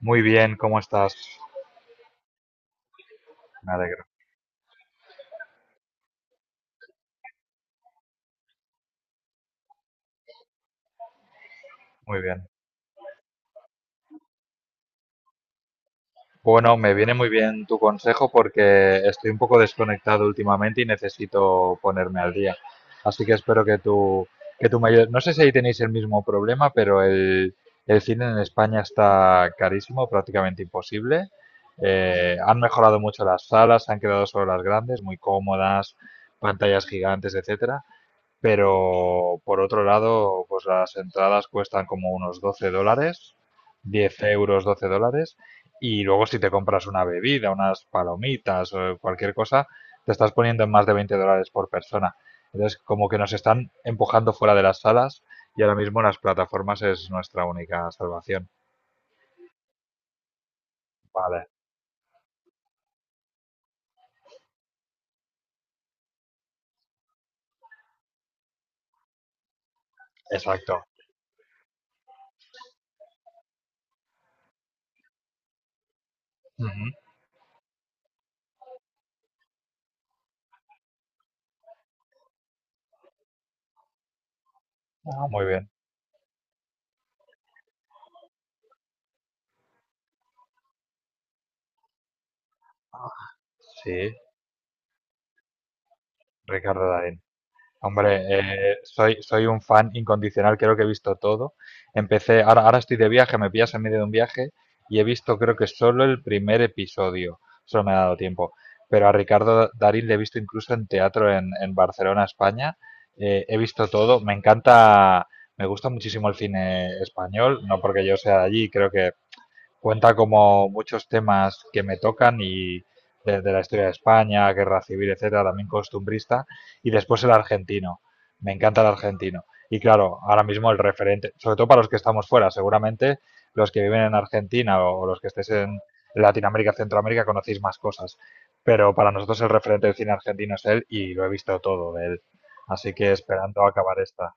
Muy bien, ¿cómo estás? Me alegro. Muy bien. Bueno, me viene muy bien tu consejo porque estoy un poco desconectado últimamente y necesito ponerme al día. Así que espero que tú me ayudes. No sé si ahí tenéis el mismo problema, pero el cine en España está carísimo, prácticamente imposible. Han mejorado mucho las salas, se han quedado solo las grandes, muy cómodas, pantallas gigantes, etcétera. Pero por otro lado, pues las entradas cuestan como unos 12 dólares, 10 euros, 12 dólares. Y luego si te compras una bebida, unas palomitas o cualquier cosa, te estás poniendo en más de 20 dólares por persona. Entonces, como que nos están empujando fuera de las salas y ahora mismo las plataformas es nuestra única salvación. Vale, exacto. Ujú. Ah, muy bien. Sí, Ricardo Darín. Hombre, soy un fan incondicional, creo que he visto todo. Empecé, ahora estoy de viaje, me pillas en medio de un viaje y he visto creo que solo el primer episodio, solo me ha dado tiempo. Pero a Ricardo Darín le he visto incluso en teatro en Barcelona, España. He visto todo, me encanta, me gusta muchísimo el cine español, no porque yo sea de allí, creo que cuenta como muchos temas que me tocan y desde la historia de España, guerra civil, etcétera, también costumbrista, y después el argentino. Me encanta el argentino. Y claro, ahora mismo el referente, sobre todo para los que estamos fuera, seguramente los que viven en Argentina o los que estéis en Latinoamérica, Centroamérica, conocéis más cosas. Pero para nosotros el referente del cine argentino es él y lo he visto todo de él. Así que esperando acabar esta.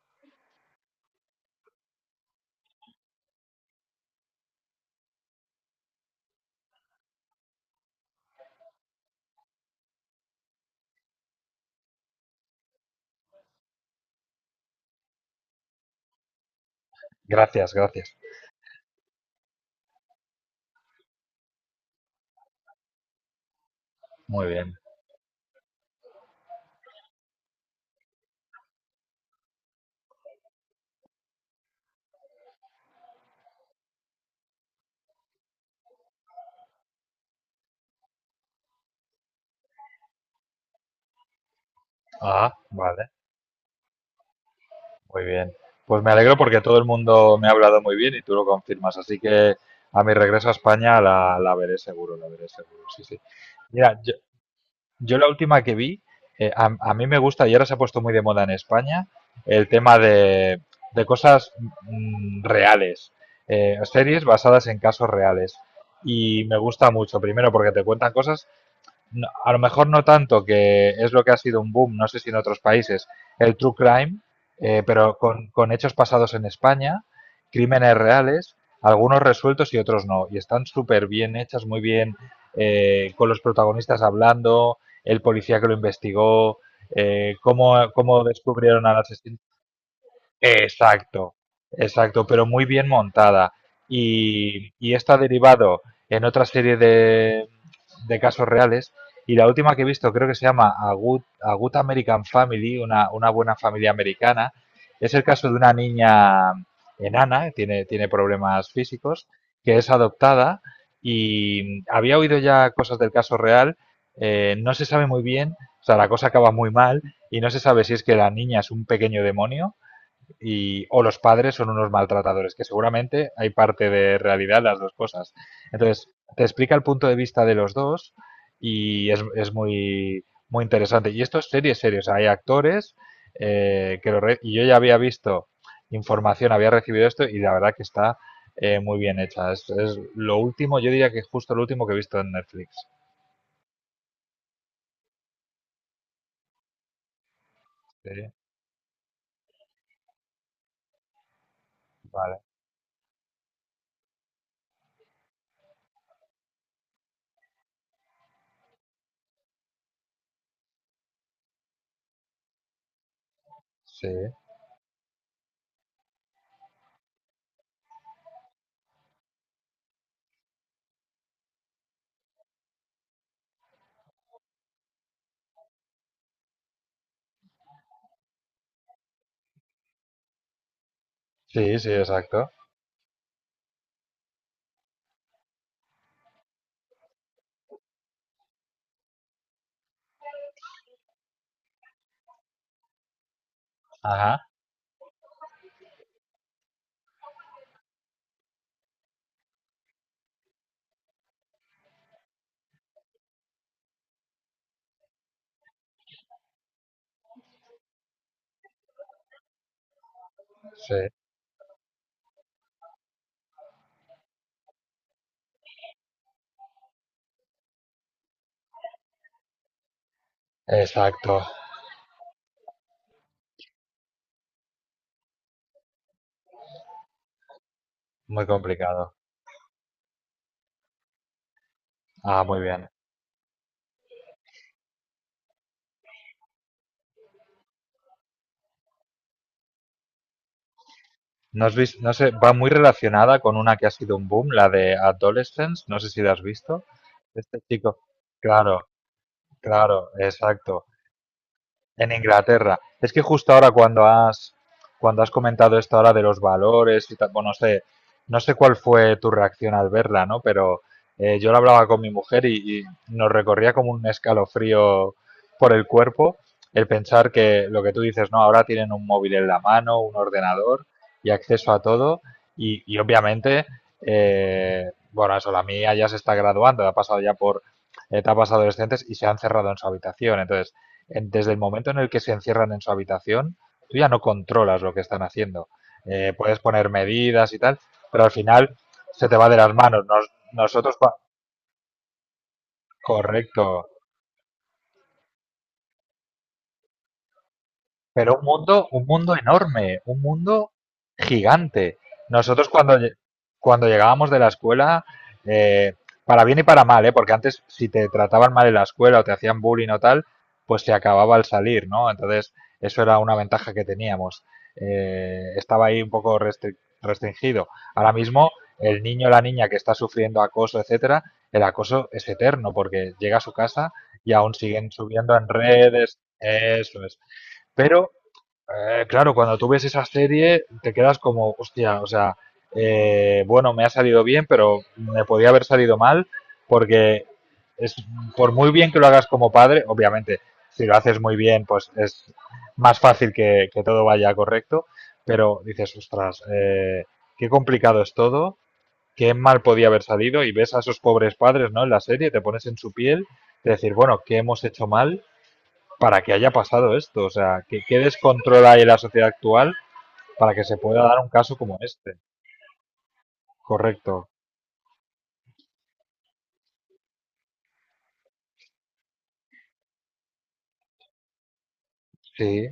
Gracias, gracias. Muy bien. Ah, vale. Muy bien. Pues me alegro porque todo el mundo me ha hablado muy bien y tú lo confirmas. Así que a mi regreso a España la veré seguro, la veré seguro. Sí, sí. Mira, yo la última que vi, a mí me gusta y ahora se ha puesto muy de moda en España el tema de cosas reales, series basadas en casos reales. Y me gusta mucho, primero porque te cuentan cosas a lo mejor no tanto, que es lo que ha sido un boom, no sé si en otros países, el true crime, pero con hechos pasados en España, crímenes reales, algunos resueltos y otros no. Y están súper bien hechas, muy bien, con los protagonistas hablando, el policía que lo investigó, cómo descubrieron al asesino. Exacto, exacto, pero muy bien montada. Y esto ha derivado en otra serie de casos reales. Y la última que he visto creo que se llama A Good, A Good American Family, una buena familia americana. Es el caso de una niña enana, que tiene problemas físicos, que es adoptada. Y había oído ya cosas del caso real. No se sabe muy bien, o sea, la cosa acaba muy mal y no se sabe si es que la niña es un pequeño demonio y, o los padres son unos maltratadores, que seguramente hay parte de realidad las dos cosas. Entonces, te explica el punto de vista de los dos y es muy, muy interesante. Y esto es serio, o sea, hay actores y yo ya había visto información, había recibido esto y la verdad que está muy bien hecha. Es lo último, yo diría que justo lo último que he visto en Netflix. Sí, vale. Sí, sí, sí, exacto. Ajá, sí, exacto. Muy complicado. Ah, muy bien. ¿No has visto, no sé, va muy relacionada con una que ha sido un boom, la de Adolescence, no sé si la has visto? Este chico, claro, claro, exacto, en Inglaterra. Es que justo ahora cuando has comentado esto ahora de los valores y tal, bueno, no sé, no sé cuál fue tu reacción al verla, ¿no? Pero yo lo hablaba con mi mujer y nos recorría como un escalofrío por el cuerpo el pensar que lo que tú dices, no, ahora tienen un móvil en la mano, un ordenador y acceso a todo y obviamente, bueno, eso, la mía ya se está graduando, ha pasado ya por etapas adolescentes y se han cerrado en su habitación. Entonces, desde el momento en el que se encierran en su habitación, tú ya no controlas lo que están haciendo. Puedes poner medidas y tal, pero al final se te va de las manos. Correcto. Pero un mundo enorme, un mundo gigante. Nosotros cuando llegábamos de la escuela, eh, para bien y para mal, ¿eh? Porque antes si te trataban mal en la escuela o te hacían bullying o tal, pues se acababa al salir, ¿no? Entonces, eso era una ventaja que teníamos. Estaba ahí un poco restringido. Ahora mismo, el niño o la niña que está sufriendo acoso, etcétera, el acoso es eterno porque llega a su casa y aún siguen subiendo en redes, eso es. Pero claro, cuando tú ves esa serie te quedas como, hostia, o sea, bueno, me ha salido bien, pero me podía haber salido mal porque es por muy bien que lo hagas como padre, obviamente, si lo haces muy bien, pues es más fácil que todo vaya correcto, pero dices, ostras, qué complicado es todo, qué mal podía haber salido y ves a esos pobres padres, ¿no? En la serie, te pones en su piel, de decir, bueno, ¿qué hemos hecho mal para que haya pasado esto? O sea, qué descontrol hay en la sociedad actual para que se pueda dar un caso como este? Correcto. Sí.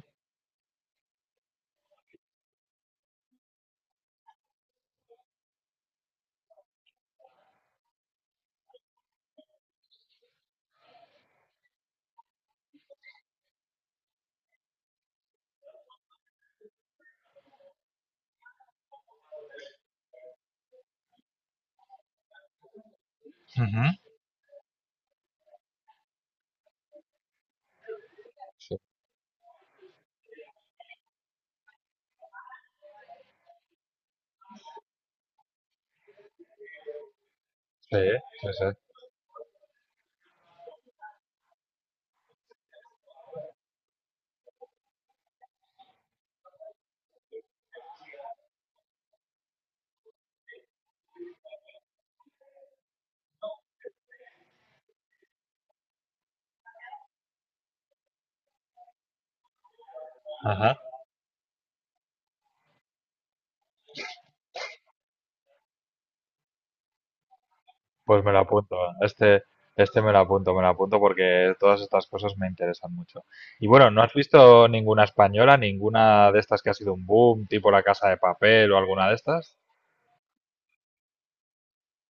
Ujú. Sí, sí, sí, sí. Ajá. Pues me lo apunto. Este, este me lo apunto porque todas estas cosas me interesan mucho. Y bueno, ¿no has visto ninguna española, ninguna de estas que ha sido un boom, tipo La Casa de Papel o alguna de estas?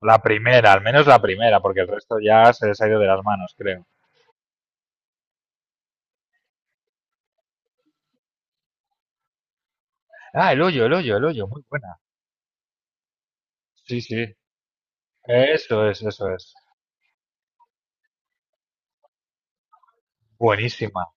La primera, al menos la primera, porque el resto ya se les ha ido de las manos, creo. Ah, El Hoyo, El Hoyo, El Hoyo, muy buena. Sí, sí. Eso es, eso es. Buenísima.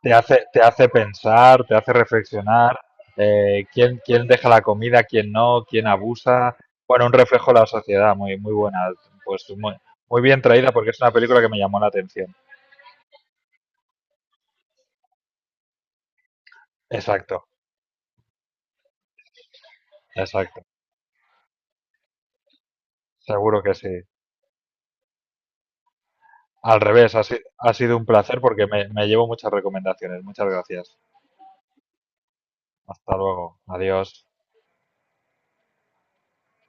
Te hace pensar, te hace reflexionar, quién deja la comida, quién no, quién abusa. Bueno, un reflejo de la sociedad, muy, muy buena. Pues muy, muy bien traída porque es una película que me llamó la atención. Exacto, exacto. Seguro que sí. Al revés, ha, si- ha sido un placer porque me llevo muchas recomendaciones. Muchas gracias. Hasta luego. Adiós.